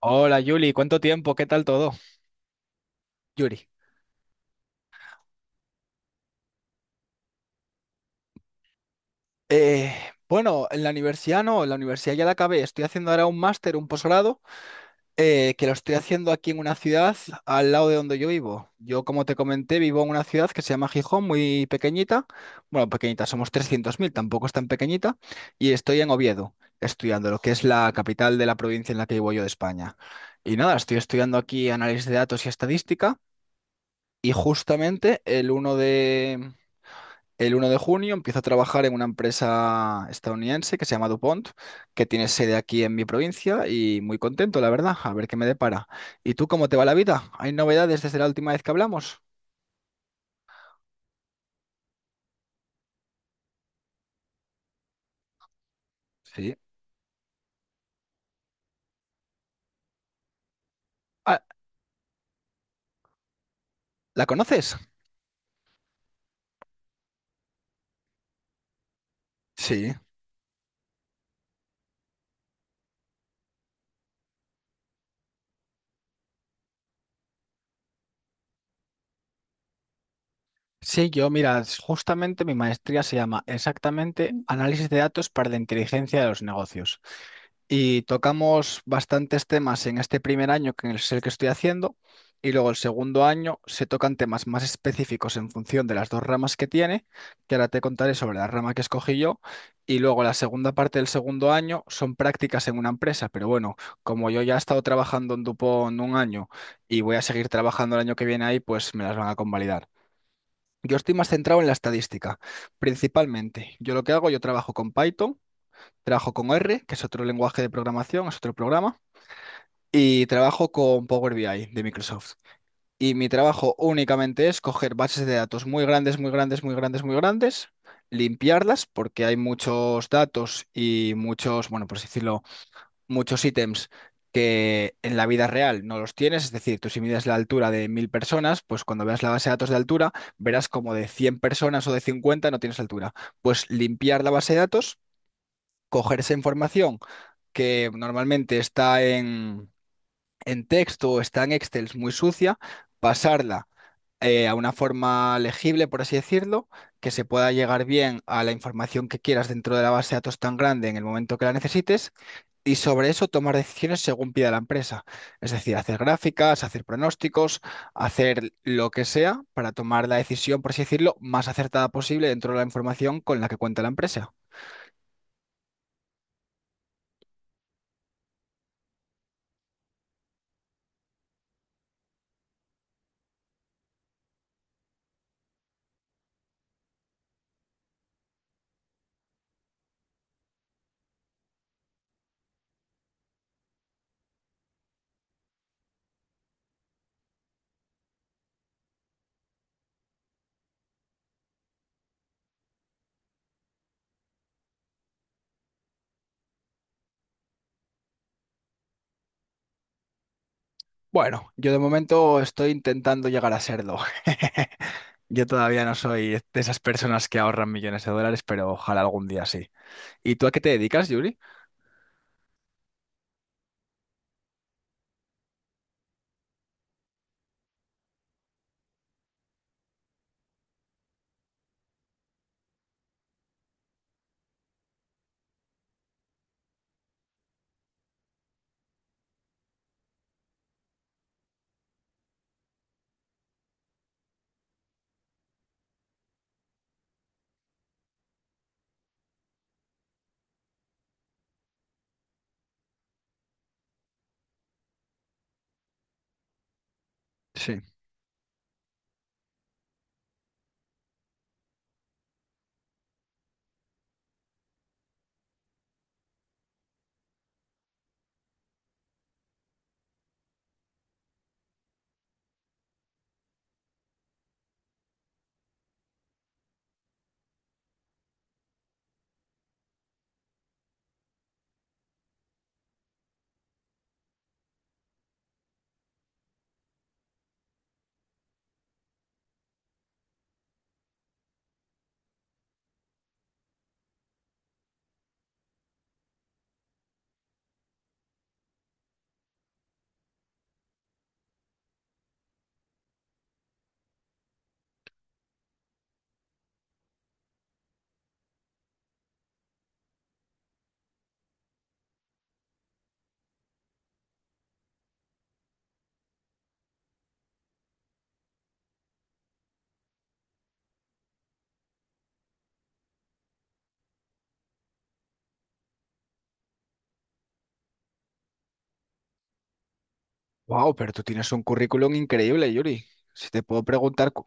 Hola Yuli, ¿cuánto tiempo? ¿Qué tal todo? Yuri. Eh, bueno, en la universidad no, en la universidad ya la acabé. Estoy haciendo ahora un máster, un posgrado, que lo estoy haciendo aquí en una ciudad al lado de donde yo vivo. Yo, como te comenté, vivo en una ciudad que se llama Gijón, muy pequeñita. Bueno, pequeñita, somos 300.000, tampoco es tan pequeñita. Y estoy en Oviedo, estudiando lo que es la capital de la provincia en la que vivo yo de España. Y nada, estoy estudiando aquí análisis de datos y estadística. Y justamente el uno de, El 1 de junio empiezo a trabajar en una empresa estadounidense que se llama DuPont, que tiene sede aquí en mi provincia y muy contento, la verdad, a ver qué me depara. ¿Y tú cómo te va la vida? ¿Hay novedades desde la última vez que hablamos? Sí. Ah, ¿la conoces? Sí. Sí, yo, mira, justamente mi maestría se llama exactamente Análisis de datos para la inteligencia de los negocios. Y tocamos bastantes temas en este primer año, que es el que estoy haciendo, y luego el segundo año se tocan temas más específicos en función de las dos ramas que tiene, que ahora te contaré sobre la rama que escogí yo, y luego la segunda parte del segundo año son prácticas en una empresa, pero bueno, como yo ya he estado trabajando en Dupont un año y voy a seguir trabajando el año que viene ahí, pues me las van a convalidar. Yo estoy más centrado en la estadística, principalmente. Yo lo que hago, yo trabajo con Python. Trabajo con R, que es otro lenguaje de programación, es otro programa, y trabajo con Power BI de Microsoft. Y mi trabajo únicamente es coger bases de datos muy grandes, muy grandes, muy grandes, muy grandes, limpiarlas, porque hay muchos datos y muchos, bueno, por así decirlo, muchos ítems que en la vida real no los tienes. Es decir, tú si mides la altura de 1000 personas, pues cuando veas la base de datos de altura, verás como de 100 personas o de 50 no tienes altura. Pues limpiar la base de datos, coger esa información que normalmente está en texto o está en Excel muy sucia, pasarla a una forma legible, por así decirlo, que se pueda llegar bien a la información que quieras dentro de la base de datos tan grande en el momento que la necesites y sobre eso tomar decisiones según pida la empresa. Es decir, hacer gráficas, hacer pronósticos, hacer lo que sea para tomar la decisión, por así decirlo, más acertada posible dentro de la información con la que cuenta la empresa. Bueno, yo de momento estoy intentando llegar a serlo. Yo todavía no soy de esas personas que ahorran millones de dólares, pero ojalá algún día sí. ¿Y tú a qué te dedicas, Yuri? Sí. Wow, pero tú tienes un currículum increíble, Yuri. Si te puedo preguntar.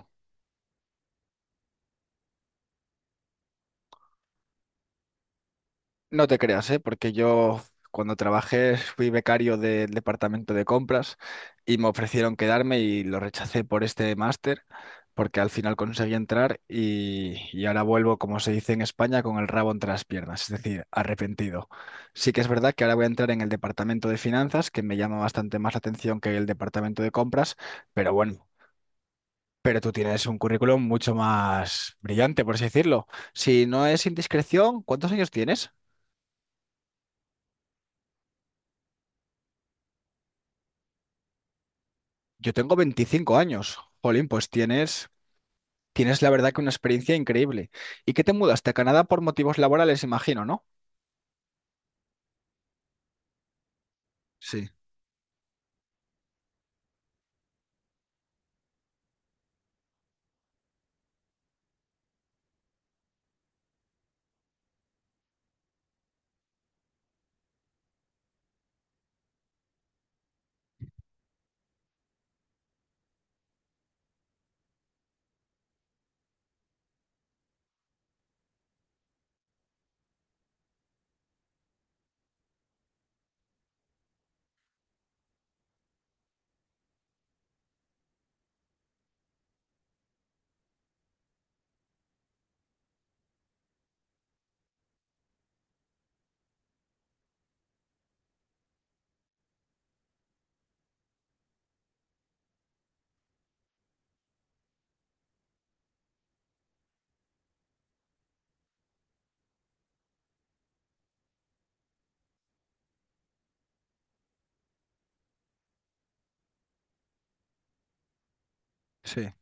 No te creas, ¿eh? Porque yo cuando trabajé fui becario del departamento de compras y me ofrecieron quedarme y lo rechacé por este máster porque al final conseguí entrar y ahora vuelvo, como se dice en España, con el rabo entre las piernas, es decir, arrepentido. Sí que es verdad que ahora voy a entrar en el departamento de finanzas, que me llama bastante más la atención que el departamento de compras, pero bueno. Pero tú tienes un currículum mucho más brillante, por así decirlo. Si no es indiscreción, ¿cuántos años tienes? Yo tengo 25 años. Jolín, pues tienes, tienes la verdad que una experiencia increíble. ¿Y qué te mudaste a Canadá por motivos laborales, imagino, ¿no? Sí, sí,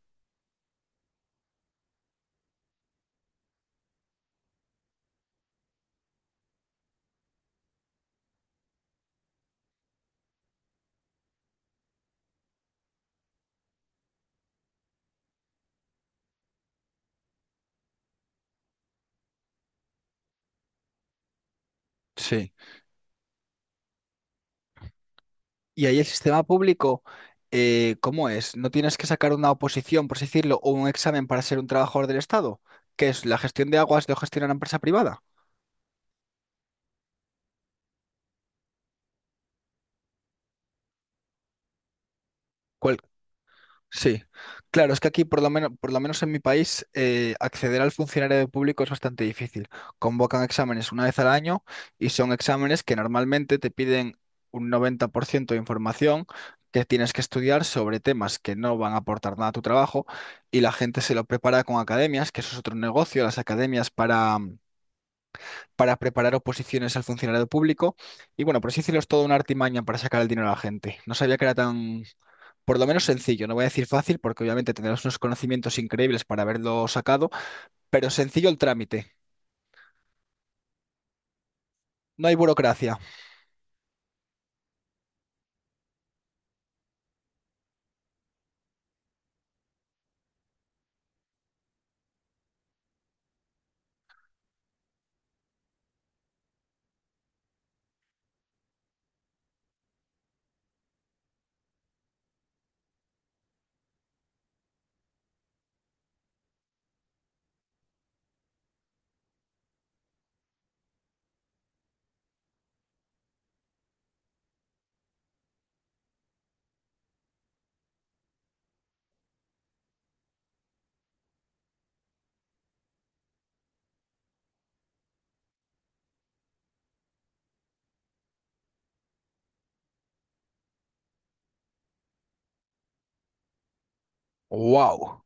sí. ¿Y ahí el sistema público, cómo es? ¿No tienes que sacar una oposición, por así decirlo, o un examen para ser un trabajador del Estado? ¿Qué es la gestión de aguas lo gestiona una empresa privada? ¿Cuál? Sí, claro, es que aquí, por lo menos en mi país, acceder al funcionario público es bastante difícil. Convocan exámenes una vez al año y son exámenes que normalmente te piden un 90% de información que tienes que estudiar sobre temas que no van a aportar nada a tu trabajo y la gente se lo prepara con academias, que eso es otro negocio, las academias para, preparar oposiciones al funcionario público. Y bueno, por así decirlo, es toda una artimaña para sacar el dinero a la gente. No sabía que era tan, por lo menos sencillo, no voy a decir fácil porque obviamente tendrás unos conocimientos increíbles para haberlo sacado, pero sencillo el trámite, no hay burocracia. Wow.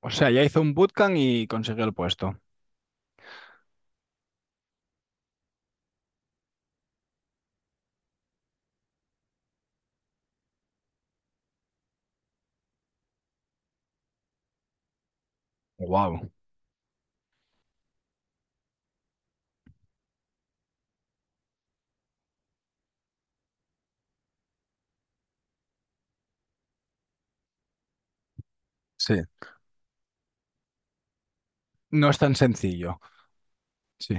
O sea, ya hizo un bootcamp y consiguió el puesto. Wow. Sí. No es tan sencillo. Sí.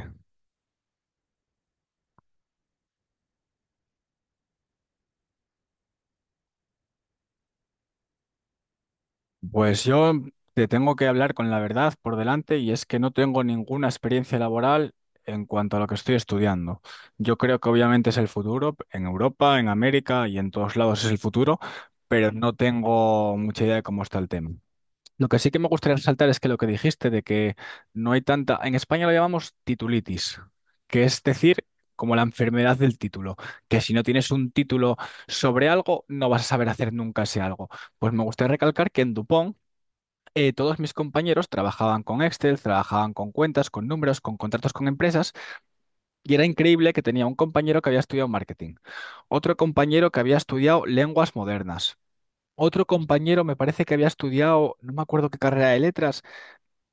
Pues yo te tengo que hablar con la verdad por delante y es que no tengo ninguna experiencia laboral en cuanto a lo que estoy estudiando. Yo creo que obviamente es el futuro, en Europa, en América y en todos lados es el futuro, pero no tengo mucha idea de cómo está el tema. Lo que sí que me gustaría resaltar es que lo que dijiste de que no hay tanta, en España lo llamamos titulitis, que es decir, como la enfermedad del título, que si no tienes un título sobre algo, no vas a saber hacer nunca ese algo. Pues me gustaría recalcar que en Dupont todos mis compañeros trabajaban con Excel, trabajaban con cuentas, con números, con contratos con empresas, y era increíble que tenía un compañero que había estudiado marketing, otro compañero que había estudiado lenguas modernas. Otro compañero me parece que había estudiado, no me acuerdo qué carrera de letras,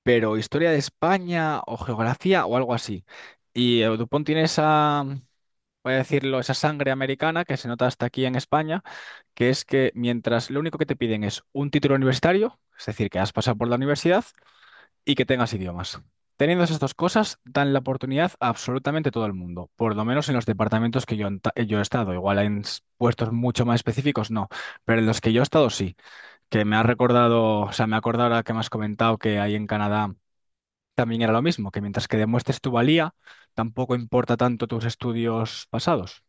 pero historia de España o geografía o algo así. Y Dupont tiene esa, voy a decirlo, esa sangre americana que se nota hasta aquí en España, que es que mientras lo único que te piden es un título universitario, es decir, que has pasado por la universidad y que tengas idiomas. Teniendo esas dos cosas, dan la oportunidad a absolutamente todo el mundo, por lo menos en los departamentos que yo, yo he estado. Igual en puestos mucho más específicos, no, pero en los que yo he estado sí, que me ha recordado, o sea, me ha acordado ahora que me has comentado que hay en Canadá también era lo mismo, que mientras que demuestres tu valía, tampoco importa tanto tus estudios pasados.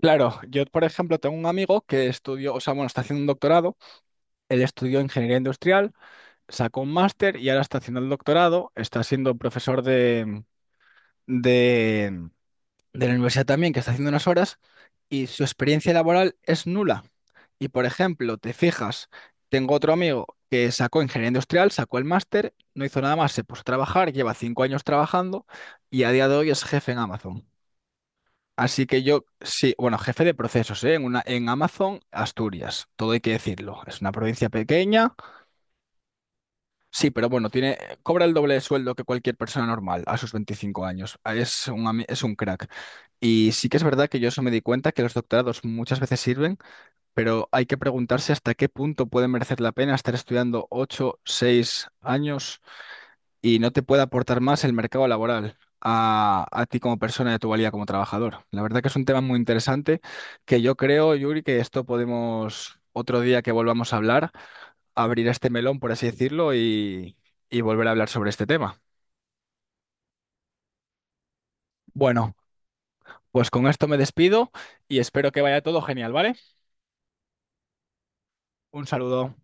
Claro, yo por ejemplo tengo un amigo que estudió, o sea, bueno, está haciendo un doctorado, él estudió ingeniería industrial, sacó un máster y ahora está haciendo el doctorado, está siendo profesor de de la universidad también, que está haciendo unas horas, y su experiencia laboral es nula. Y por ejemplo, te fijas, tengo otro amigo que sacó ingeniería industrial, sacó el máster, no hizo nada más, se puso a trabajar, lleva 5 años trabajando y a día de hoy es jefe en Amazon. Así que yo, sí, bueno, jefe de procesos, ¿eh? En Amazon, Asturias, todo hay que decirlo. Es una provincia pequeña. Sí, pero bueno, tiene, cobra el doble de sueldo que cualquier persona normal a sus 25 años. Ah, Es un crack. Y sí que es verdad que yo eso me di cuenta, que los doctorados muchas veces sirven, pero hay que preguntarse hasta qué punto puede merecer la pena estar estudiando 8, 6 años y no te puede aportar más el mercado laboral a ti como persona y a tu valía como trabajador. La verdad que es un tema muy interesante que yo creo, Yuri, que esto podemos otro día que volvamos a hablar abrir este melón, por así decirlo, y volver a hablar sobre este tema. Bueno, pues con esto me despido y espero que vaya todo genial, ¿vale? Un saludo.